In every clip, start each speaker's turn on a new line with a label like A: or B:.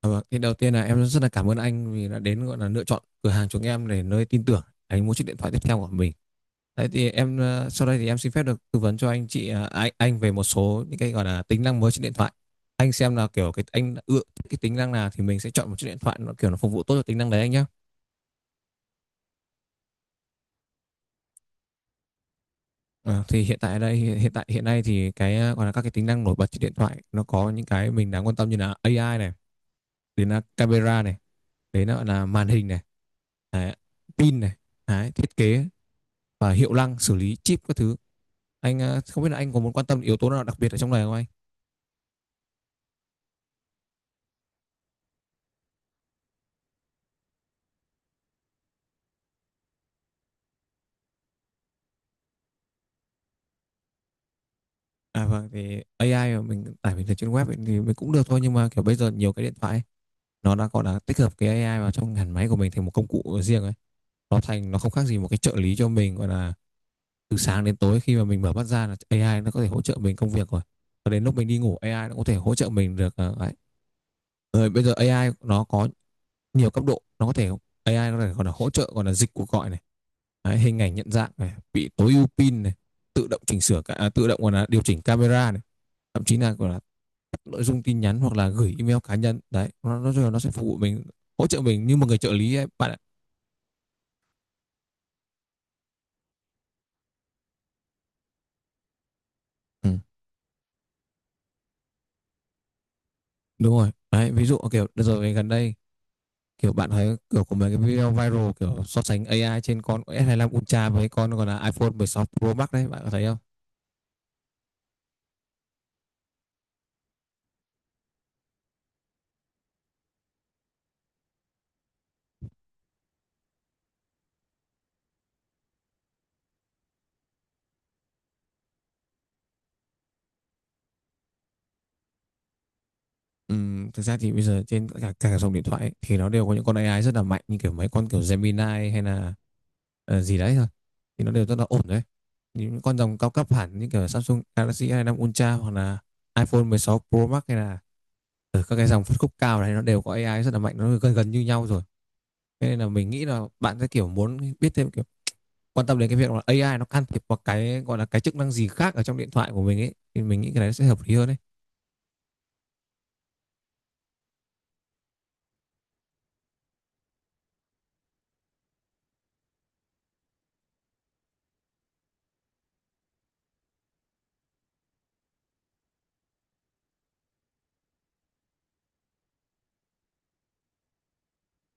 A: À, vâng. Thì đầu tiên là em rất là cảm ơn anh vì đã đến gọi là lựa chọn cửa hàng chúng em để nơi tin tưởng anh mua chiếc điện thoại tiếp theo của mình. Đấy thì em sau đây thì em xin phép được tư vấn cho anh chị anh về một số những cái gọi là tính năng mới trên điện thoại. Anh xem là kiểu cái anh đã ưa thích cái tính năng nào thì mình sẽ chọn một chiếc điện thoại nó kiểu nó phục vụ tốt cho tính năng đấy anh nhé. Ờ, thì hiện tại đây hiện tại hiện nay thì gọi là các cái tính năng nổi bật trên điện thoại nó có những cái mình đáng quan tâm như là AI này, đến là camera này, đến là màn hình này, đấy, pin này, đấy, thiết kế và hiệu năng xử lý chip các thứ. Anh không biết là anh có muốn quan tâm yếu tố nào đặc biệt ở trong này không anh? À, vâng, thì AI mà mình tải từ trên web ấy, thì mình cũng được thôi, nhưng mà kiểu bây giờ nhiều cái điện thoại ấy, nó đã gọi là tích hợp cái AI vào trong hẳn máy của mình thành một công cụ riêng ấy. Nó thành nó không khác gì một cái trợ lý cho mình, gọi là từ sáng đến tối, khi mà mình mở mắt ra là AI nó có thể hỗ trợ mình công việc rồi, và đến lúc mình đi ngủ AI nó có thể hỗ trợ mình được, đấy. Rồi bây giờ AI nó có nhiều cấp độ, nó có thể AI có thể còn là hỗ trợ, còn là dịch cuộc gọi này. Đấy, hình ảnh nhận dạng này, bị tối ưu pin này, tự động chỉnh sửa cả, à, tự động còn là điều chỉnh camera này, thậm chí là còn là nội dung tin nhắn hoặc là gửi email cá nhân. Đấy nó sẽ phục vụ mình, hỗ trợ mình như một người trợ lý ấy, bạn ạ. Ừ, đúng rồi đấy, ví dụ kiểu đợt rồi gần đây kiểu bạn thấy kiểu của mấy cái video viral kiểu so sánh AI trên con s lăm Ultra với con còn là iPhone 16 Pro Max, đấy, bạn có thấy không? Thực ra thì bây giờ trên cả dòng điện thoại ấy, thì nó đều có những con AI rất là mạnh, như kiểu mấy con kiểu Gemini hay là gì đấy thôi, thì nó đều rất là ổn đấy. Những con dòng cao cấp hẳn như kiểu Samsung Galaxy A5 Ultra hoặc là iPhone 16 Pro Max hay là ở các cái dòng phân khúc cao này, nó đều có AI rất là mạnh, nó gần gần như nhau rồi. Thế nên là mình nghĩ là bạn sẽ kiểu muốn biết thêm, kiểu quan tâm đến cái việc là AI nó can thiệp vào cái gọi là cái chức năng gì khác ở trong điện thoại của mình ấy, thì mình nghĩ cái này sẽ hợp lý hơn đấy.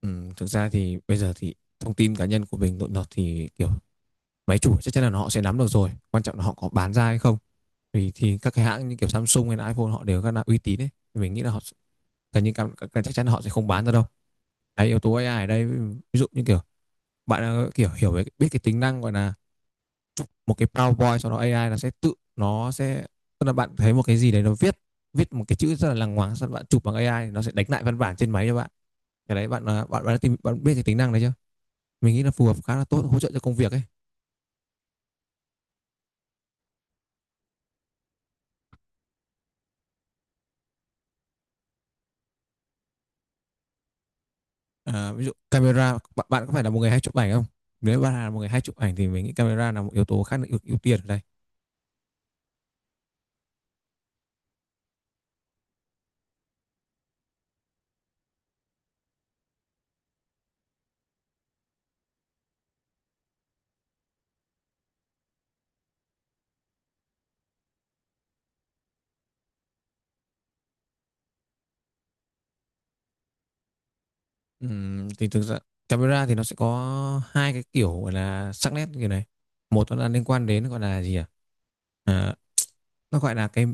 A: Thực ra thì bây giờ thì thông tin cá nhân của mình nội lọt thì kiểu máy chủ chắc chắn là họ sẽ nắm được rồi. Quan trọng là họ có bán ra hay không. Vì thì các cái hãng như kiểu Samsung hay là iPhone họ đều rất là uy tín ấy. Thì mình nghĩ là họ gần như chắc chắn là họ sẽ không bán ra đâu. Đấy, yếu tố AI ở đây, ví dụ như kiểu bạn kiểu hiểu về biết cái tính năng gọi là một cái PowerPoint, sau đó AI nó sẽ tự nó sẽ, tức là bạn thấy một cái gì đấy, nó viết viết một cái chữ rất là lằng ngoáng, sau đó bạn chụp bằng AI, nó sẽ đánh lại văn bản trên máy cho bạn. Cái đấy bạn ờ, bạn bạn, đã tìm, bạn biết cái tính năng đấy chưa? Mình nghĩ là phù hợp, khá là tốt, hỗ trợ cho công việc ấy. À, ví dụ camera, bạn có phải là một người hay chụp ảnh không? Nếu bạn là một người hay chụp ảnh thì mình nghĩ camera là một yếu tố khá là ưu tiên ở đây. Thì thực ra camera thì nó sẽ có hai cái kiểu gọi là sắc nét như này. Một, nó là liên quan đến gọi là gì à, à nó gọi là cái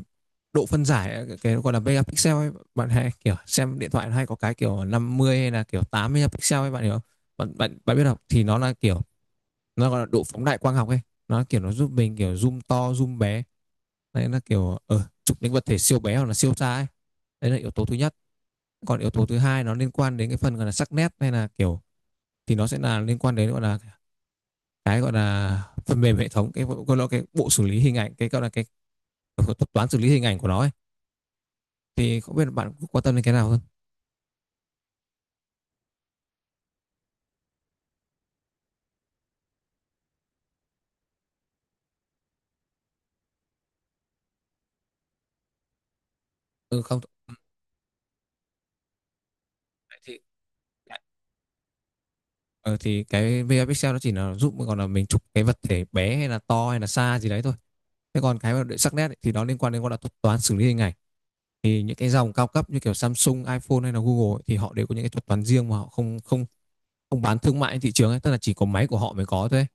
A: độ phân giải, cái gọi là megapixel ấy, bạn hay kiểu xem điện thoại hay có cái kiểu 50 hay là kiểu 80 pixel ấy bạn hiểu không? Bạn bạn bạn biết không, thì nó là kiểu nó gọi là độ phóng đại quang học ấy. Nó kiểu nó giúp mình kiểu zoom to zoom bé, đấy, nó kiểu chụp những vật thể siêu bé hoặc là siêu xa ấy. Đấy là yếu tố thứ nhất. Còn yếu tố thứ hai nó liên quan đến cái phần gọi là sắc nét hay là kiểu, thì nó sẽ là liên quan đến gọi là cái gọi là phần mềm hệ thống, cái gọi là cái bộ xử lý hình ảnh, cái gọi là cái thuật toán xử lý hình ảnh của nó ấy. Thì không biết bạn quan tâm đến cái nào hơn? Ừ không. Thì ờ, thì cái VR Pixel nó chỉ là giúp còn là mình chụp cái vật thể bé hay là to hay là xa gì đấy thôi. Thế còn cái mà để sắc nét ấy, thì nó liên quan đến gọi là thuật toán xử lý hình ảnh. Thì những cái dòng cao cấp như kiểu Samsung, iPhone hay là Google ấy, thì họ đều có những cái thuật toán riêng mà họ không không không bán thương mại trên thị trường ấy, tức là chỉ có máy của họ mới có thôi.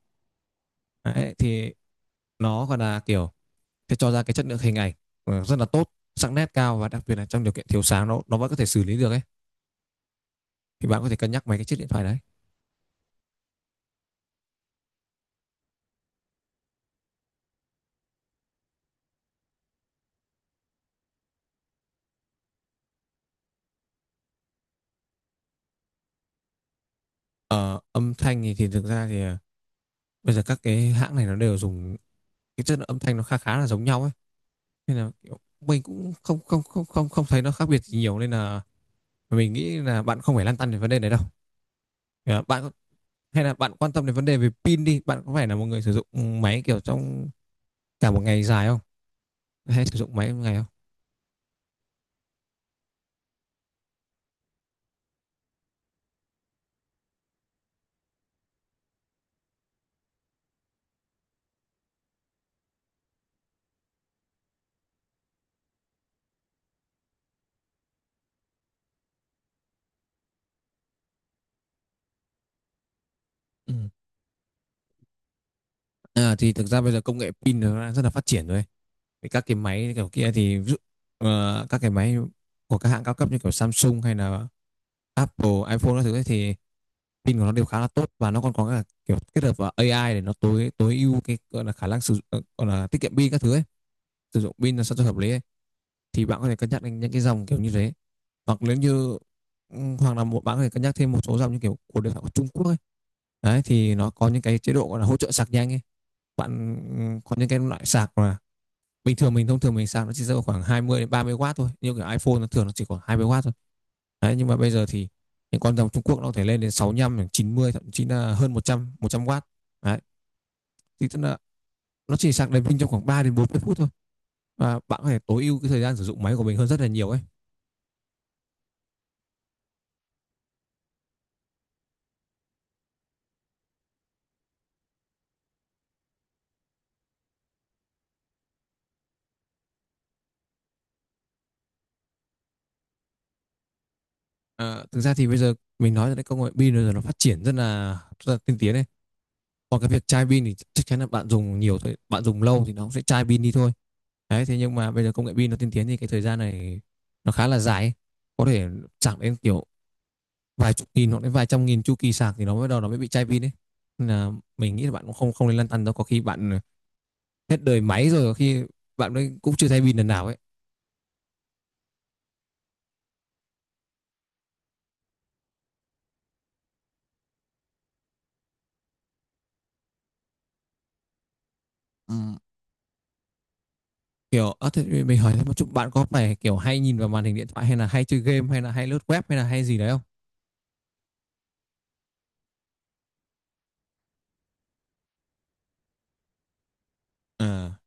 A: Đấy, thì nó gọi là kiểu sẽ cho ra cái chất lượng hình ảnh rất là tốt, sắc nét cao, và đặc biệt là trong điều kiện thiếu sáng nó vẫn có thể xử lý được ấy. Thì bạn có thể cân nhắc mấy cái chiếc điện thoại đấy. Ờ, âm thanh thì thực ra thì bây giờ các cái hãng này nó đều dùng cái chất lượng âm thanh nó khá khá là giống nhau ấy, nên là kiểu mình cũng không không không không không thấy nó khác biệt gì nhiều, nên là mình nghĩ là bạn không phải lăn tăn về vấn đề này đâu. Ờ, bạn hay là bạn quan tâm đến vấn đề về pin đi. Bạn có phải là một người sử dụng máy kiểu trong cả một ngày dài không, hay sử dụng máy một ngày không? Ừ. À, thì thực ra bây giờ công nghệ pin nó đã rất là phát triển rồi. Thì các cái máy kiểu kia thì ví dụ, các cái máy của các hãng cao cấp như kiểu Samsung hay là Apple iPhone các thứ ấy thì pin của nó đều khá là tốt, và nó còn có cả kiểu kết hợp vào AI để nó tối tối ưu cái gọi là khả năng sử dụng, gọi là tiết kiệm pin các thứ ấy, sử dụng pin là sao cho hợp lý ấy. Thì bạn có thể cân nhắc đến những cái dòng kiểu như thế, hoặc nếu như ừ, hoặc là một bạn có thể cân nhắc thêm một số dòng như kiểu của điện thoại của Trung Quốc ấy. Đấy thì nó có những cái chế độ gọi là hỗ trợ sạc nhanh ấy bạn. Ừ, có những cái loại sạc mà bình thường thông thường mình sạc nó chỉ rơi vào khoảng 20 đến 30 W thôi, nhưng cái iPhone nó thường nó chỉ khoảng 20 W thôi, đấy, nhưng mà bây giờ thì những con dòng Trung Quốc nó có thể lên đến sáu mươi lăm, chín mươi, thậm chí là hơn một trăm W. Đấy, thì tức là nó chỉ sạc đèn pin trong khoảng 3 đến 40 phút thôi, và bạn có thể tối ưu cái thời gian sử dụng máy của mình hơn rất là nhiều ấy. À, thực ra thì bây giờ mình nói là cái công nghệ pin bây giờ nó phát triển rất là tiên tiến này. Còn cái việc chai pin thì chắc chắn là bạn dùng nhiều thôi, bạn dùng lâu thì nó cũng sẽ chai pin đi thôi. Đấy, thế nhưng mà bây giờ công nghệ pin nó tiên tiến thì cái thời gian này nó khá là dài ấy. Có thể sạc đến kiểu vài chục nghìn hoặc đến vài trăm nghìn chu kỳ sạc thì nó mới bị chai pin đấy. Nên là mình nghĩ là bạn cũng không không nên lăn tăn đâu, có khi bạn hết đời máy rồi, có khi bạn ấy cũng chưa thay pin lần nào ấy. Ừ. Thế mình hỏi thêm một chút, bạn có phải kiểu hay nhìn vào màn hình điện thoại, hay là hay chơi game, hay là hay lướt web, hay là hay gì đấy không? À.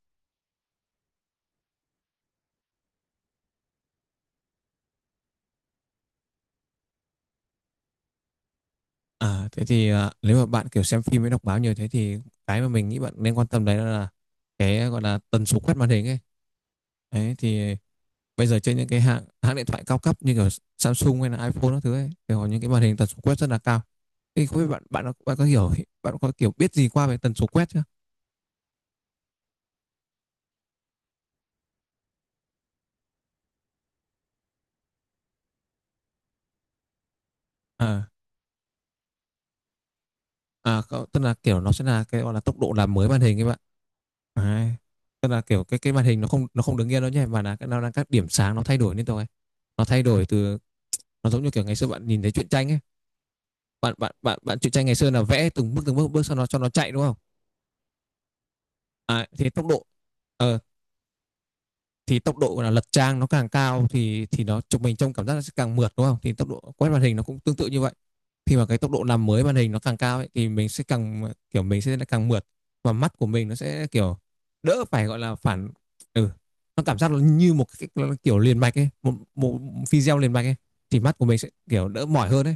A: À, thế thì nếu mà bạn kiểu xem phim với đọc báo nhiều thế thì cái mà mình nghĩ bạn nên quan tâm đấy là cái gọi là tần số quét màn hình ấy. Đấy, thì bây giờ trên những cái hãng hãng điện thoại cao cấp như kiểu Samsung hay là iPhone các thứ ấy thì họ những cái màn hình tần số quét rất là cao. Thì không biết bạn bạn có hiểu, bạn có kiểu biết gì qua về tần số quét chưa? À Tức là kiểu nó sẽ là cái gọi là tốc độ làm mới màn hình ấy bạn. Đấy. Tức là kiểu cái màn hình nó không, nó không đứng yên đâu nhé, mà là nó là các điểm sáng nó thay đổi liên tục ấy. Nó thay đổi từ, nó giống như kiểu ngày xưa bạn nhìn thấy truyện tranh ấy, bạn bạn bạn bạn truyện tranh ngày xưa là vẽ từng bước bước cho nó chạy đúng không? à, thì tốc độ ờ, thì tốc độ là lật trang nó càng cao thì nó chụp mình trong cảm giác nó sẽ càng mượt đúng không, thì tốc độ quét màn hình nó cũng tương tự như vậy. Khi mà cái tốc độ làm mới màn hình nó càng cao ấy, thì mình sẽ càng kiểu mình sẽ càng mượt, và mắt của mình nó sẽ kiểu đỡ phải gọi là phản, ừ, nó cảm giác nó như một cái kiểu liền mạch ấy, một một video liền mạch ấy, thì mắt của mình sẽ kiểu đỡ mỏi hơn ấy.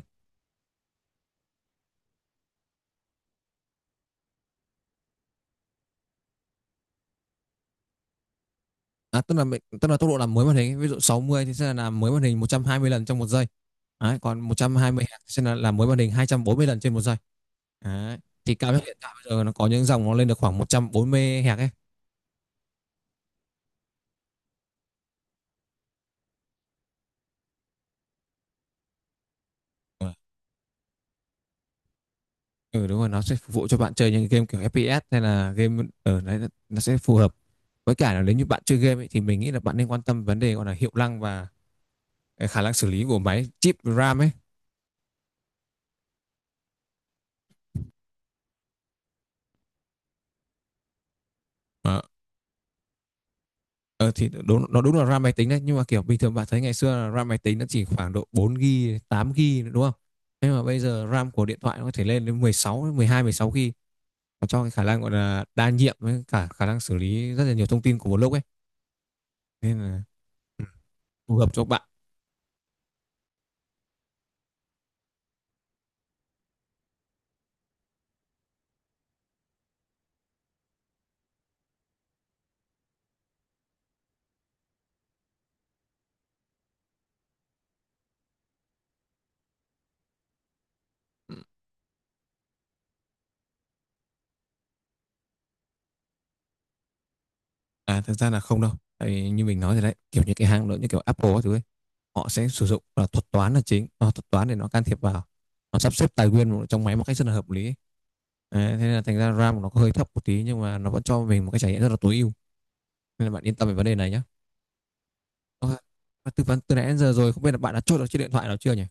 A: À, tức là tốc độ làm mới màn hình ví dụ 60 thì sẽ là làm mới màn hình 120 lần trong một giây. Đấy, còn 120 Hz sẽ là làm mới màn hình 240 lần trên một giây. Đấy. Thì cao nhất hiện tại bây giờ nó có những dòng nó lên được khoảng 140 Hz ấy. Ờ, ừ đúng rồi, nó sẽ phục vụ cho bạn chơi những game kiểu FPS hay là game ở đấy nó- sẽ phù hợp. Với cả là nếu như bạn chơi game ấy, thì mình nghĩ là bạn nên quan tâm vấn đề gọi là hiệu năng và khả năng xử lý của máy, chip, RAM ấy. Ờ. Ờ, thì đúng là RAM máy tính đấy, nhưng mà kiểu bình thường bạn thấy ngày xưa là RAM máy tính nó chỉ khoảng độ 4GB, 8GB nữa, đúng không? Nhưng mà bây giờ RAM của điện thoại nó có thể lên đến 16, 12, 16GB và cho cái khả năng gọi là đa nhiệm với cả khả năng xử lý rất là nhiều thông tin của một lúc ấy. Nên là ừ, phù hợp cho bạn. À thực ra là không đâu. Tại vì như mình nói rồi đấy, kiểu như cái hãng lớn như kiểu Apple các thứ ấy, họ sẽ sử dụng là thuật toán là chính, thuật toán để nó can thiệp vào, nó sắp xếp tài nguyên trong máy một cách rất là hợp lý ấy. Đấy, thế nên là thành ra RAM của nó có hơi thấp một tí nhưng mà nó vẫn cho mình một cái trải nghiệm rất là tối ưu. Nên là bạn yên tâm về vấn đề này nhé. Tư vấn từ nãy đến giờ rồi, không biết là bạn đã chốt được chiếc điện thoại nào chưa nhỉ?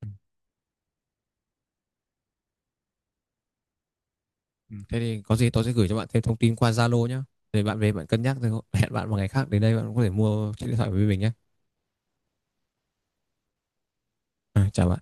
A: Ừ. Ừ, thế thì có gì tôi sẽ gửi cho bạn thêm thông tin qua Zalo nhé. Để bạn về bạn cân nhắc rồi hẹn bạn một ngày khác đến đây bạn có thể mua chiếc điện thoại với mình nhé. À, chào bạn.